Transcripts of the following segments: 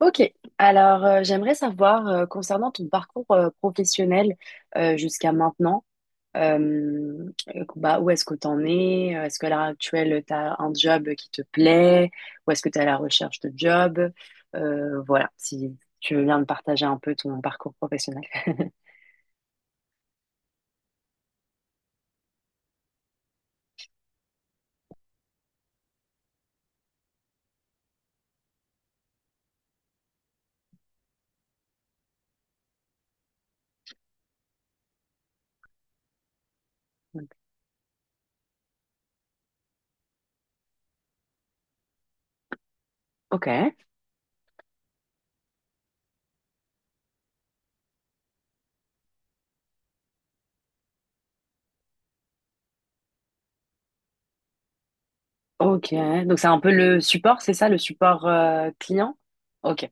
Ok, alors j'aimerais savoir concernant ton parcours professionnel jusqu'à maintenant, bah, où est-ce que tu en es? Est-ce qu'à l'heure actuelle, tu as un job qui te plaît? Ou est-ce que tu es à la recherche de job? Voilà, si tu veux bien me partager un peu ton parcours professionnel. Ok, ok, donc c'est un peu le support, c'est ça, le support client? Ok,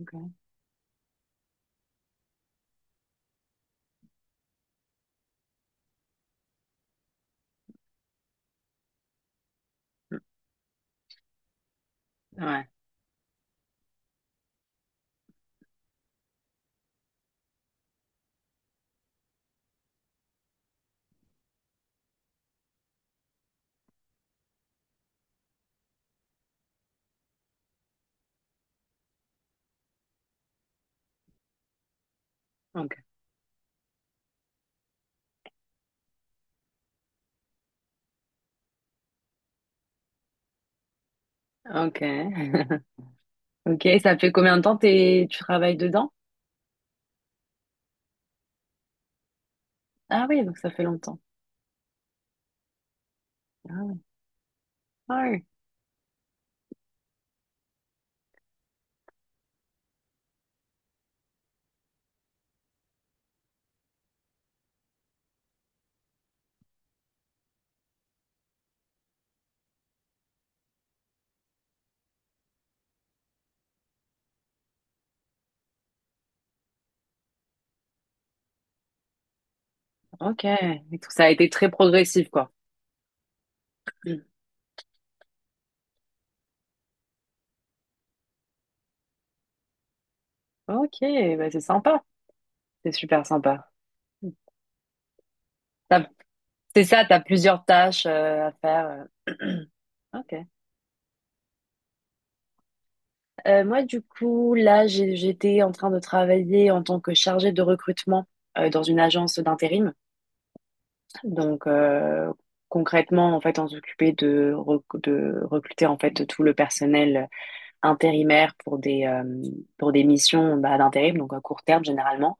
ok, ouais, ok, ok. Ok, ça fait combien de temps tu travailles dedans? Ah oui, donc ça fait longtemps. Ah oui. Ah oui. Ok. Et tout ça a été très progressif, quoi. Mm. Ok, bah c'est sympa. C'est super sympa. T'as- C'est ça, t'as plusieurs tâches à faire. euh. Ok. Moi, du coup, là, j'étais en train de travailler en tant que chargée de recrutement dans une agence d'intérim. Donc, concrètement, en fait, on s'occupait de recruter en fait tout le personnel intérimaire pour des missions bah, d'intérim, donc à court terme généralement.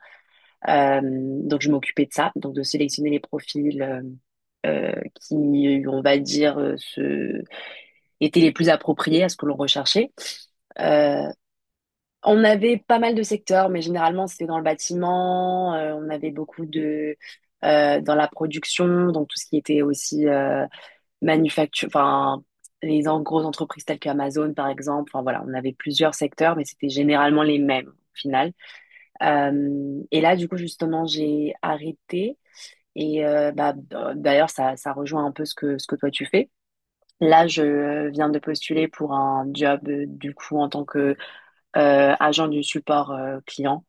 Euh, donc je m'occupais de ça, donc de sélectionner les profils qui, on va dire, étaient les plus appropriés à ce que l'on recherchait. Euh, on avait pas mal de secteurs, mais généralement c'était dans le bâtiment. On avait beaucoup de dans la production, donc tout ce qui était aussi manufacture, enfin grosses entreprises telles qu'Amazon par exemple. Enfin voilà, on avait plusieurs secteurs, mais c'était généralement les mêmes au final. Et là du coup justement j'ai arrêté et bah, d'ailleurs, ça rejoint un peu ce que toi tu fais. Là, je viens de postuler pour un job, du coup, en tant que agent du support client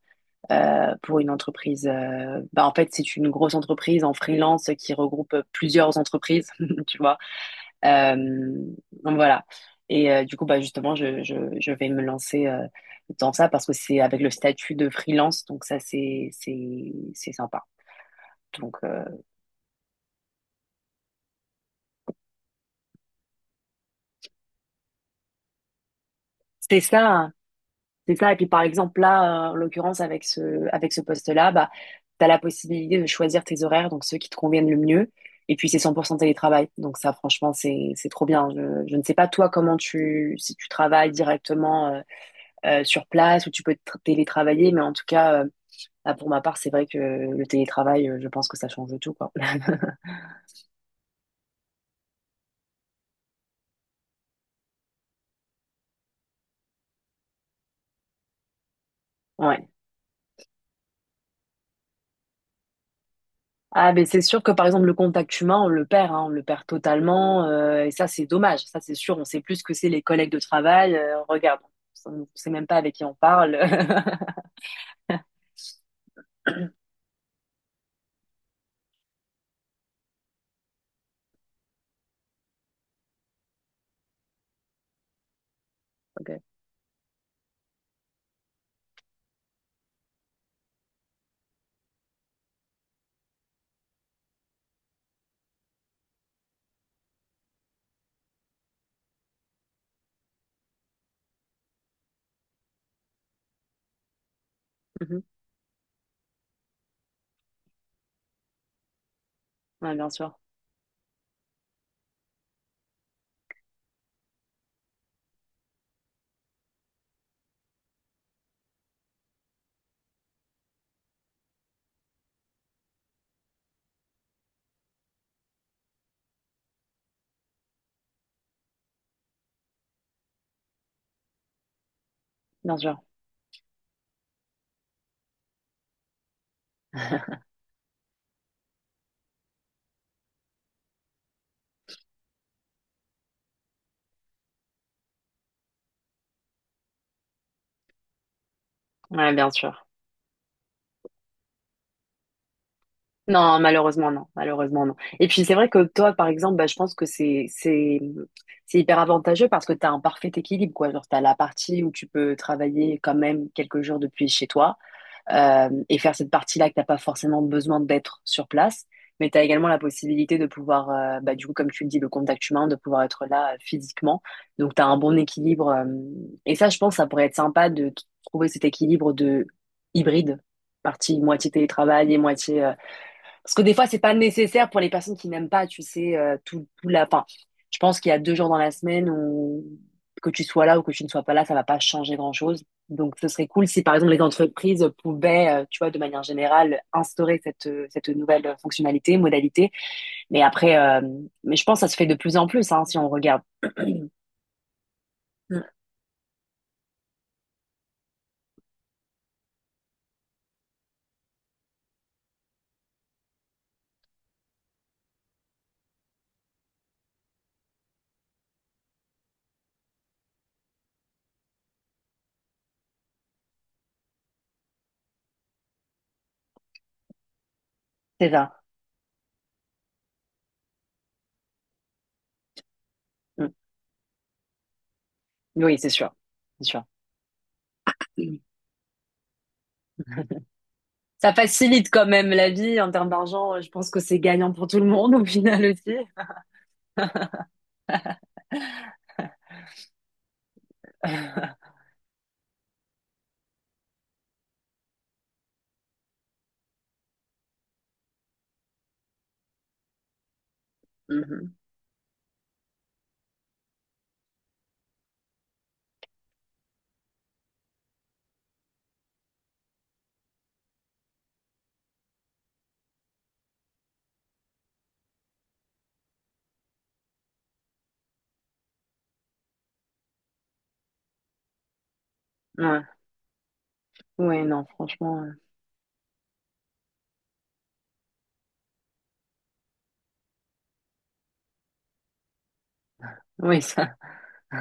pour une entreprise. Bah, en fait, c'est une grosse entreprise en freelance qui regroupe plusieurs entreprises, tu vois. Euh, donc voilà. Et du coup, bah, justement, je vais me lancer dans ça parce que c'est avec le statut de freelance, donc ça, c'est sympa. Donc, c'est ça. Hein. C'est ça. Et puis, par exemple, là, en l'occurrence, avec ce poste-là, bah, tu as la possibilité de choisir tes horaires, donc ceux qui te conviennent le mieux. Et puis, c'est 100% télétravail. Donc, ça, franchement, c'est trop bien. Je ne sais pas, toi, si tu travailles directement sur place ou tu peux télétravailler, mais en tout cas, bah, pour ma part, c'est vrai que le télétravail, je pense que ça change tout, quoi. Ouais. Ah, mais c'est sûr que par exemple, le contact humain, on le perd, hein, on le perd totalement. Et ça, c'est dommage. Ça, c'est sûr. On sait plus ce que c'est les collègues de travail. Regarde, on sait même pas avec qui on parle. Ok. Mhm. Ouais, bien sûr. Bien sûr. Ouais, bien sûr. Non, malheureusement, non. Malheureusement, non. Et puis, c'est vrai que toi, par exemple, bah, je pense que c'est hyper avantageux parce que tu as un parfait équilibre, quoi. Genre, tu as la partie où tu peux travailler quand même quelques jours depuis chez toi. Et faire cette partie-là que t'as pas forcément besoin d'être sur place. Mais tu as également la possibilité de pouvoir, bah, du coup, comme tu le dis, le contact humain, de pouvoir être là physiquement. Donc, tu as un bon équilibre. Et ça, je pense, ça pourrait être sympa de trouver cet équilibre de hybride, partie moitié télétravail et moitié parce que des fois, c'est pas nécessaire pour les personnes qui n'aiment pas, tu sais, Enfin, je pense qu'il y a 2 jours dans la semaine où que tu sois là ou que tu ne sois pas là, ça va pas changer grand-chose. Donc, ce serait cool si, par exemple, les entreprises pouvaient, tu vois, de manière générale, instaurer cette nouvelle fonctionnalité, modalité. Mais après, je pense que ça se fait de plus en plus, hein, si on regarde. Mm. C'est ça. Mm. Oui, c'est sûr. C'est sûr. Mm. Ça facilite quand même la vie en termes d'argent. Je pense que c'est gagnant pour tout le monde au final aussi. Mhm. Ouais, ouais, non, franchement, oui, ça.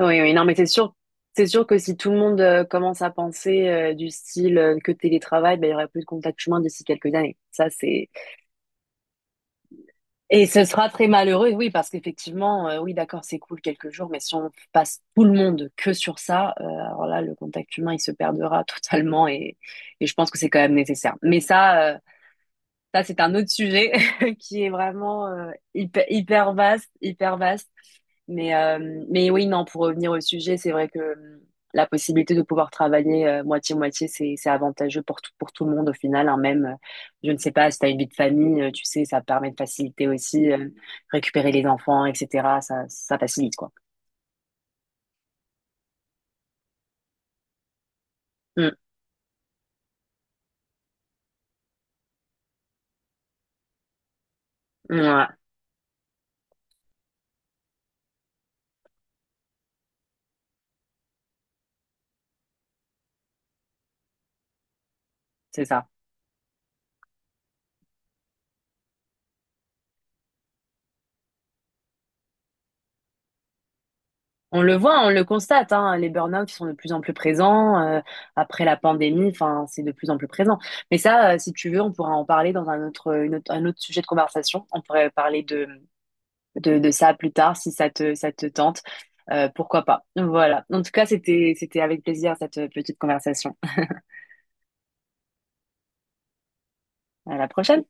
Oui, oui, non, mais c'est sûr que si tout le monde commence à penser du style que télétravail, ben, il y aurait plus de contact humain d'ici quelques années. Et ce sera très malheureux, oui, parce qu'effectivement, oui, d'accord, c'est cool quelques jours, mais si on passe tout le monde que sur ça, alors là, le contact humain, il se perdra totalement et je pense que c'est quand même nécessaire. Mais ça, c'est un autre sujet qui est vraiment hyper, hyper vaste, hyper vaste. Mais, oui, non, pour revenir au sujet, c'est vrai que la possibilité de pouvoir travailler moitié-moitié, c'est avantageux pour tout le monde au final. Hein. Même, je ne sais pas, si tu as une vie de famille, tu sais, ça permet de faciliter aussi récupérer les enfants, etc. Ça facilite, quoi. Mm, ouais, c'est ça. On le voit, on le constate, hein, les burn-out ils sont de plus en plus présents après la pandémie, enfin c'est de plus en plus présent. Mais ça, si tu veux, on pourra en parler dans un autre sujet de conversation. On pourrait parler de ça plus tard si ça te tente. Pourquoi pas. Voilà. En tout cas, c'était avec plaisir cette petite conversation. À la prochaine.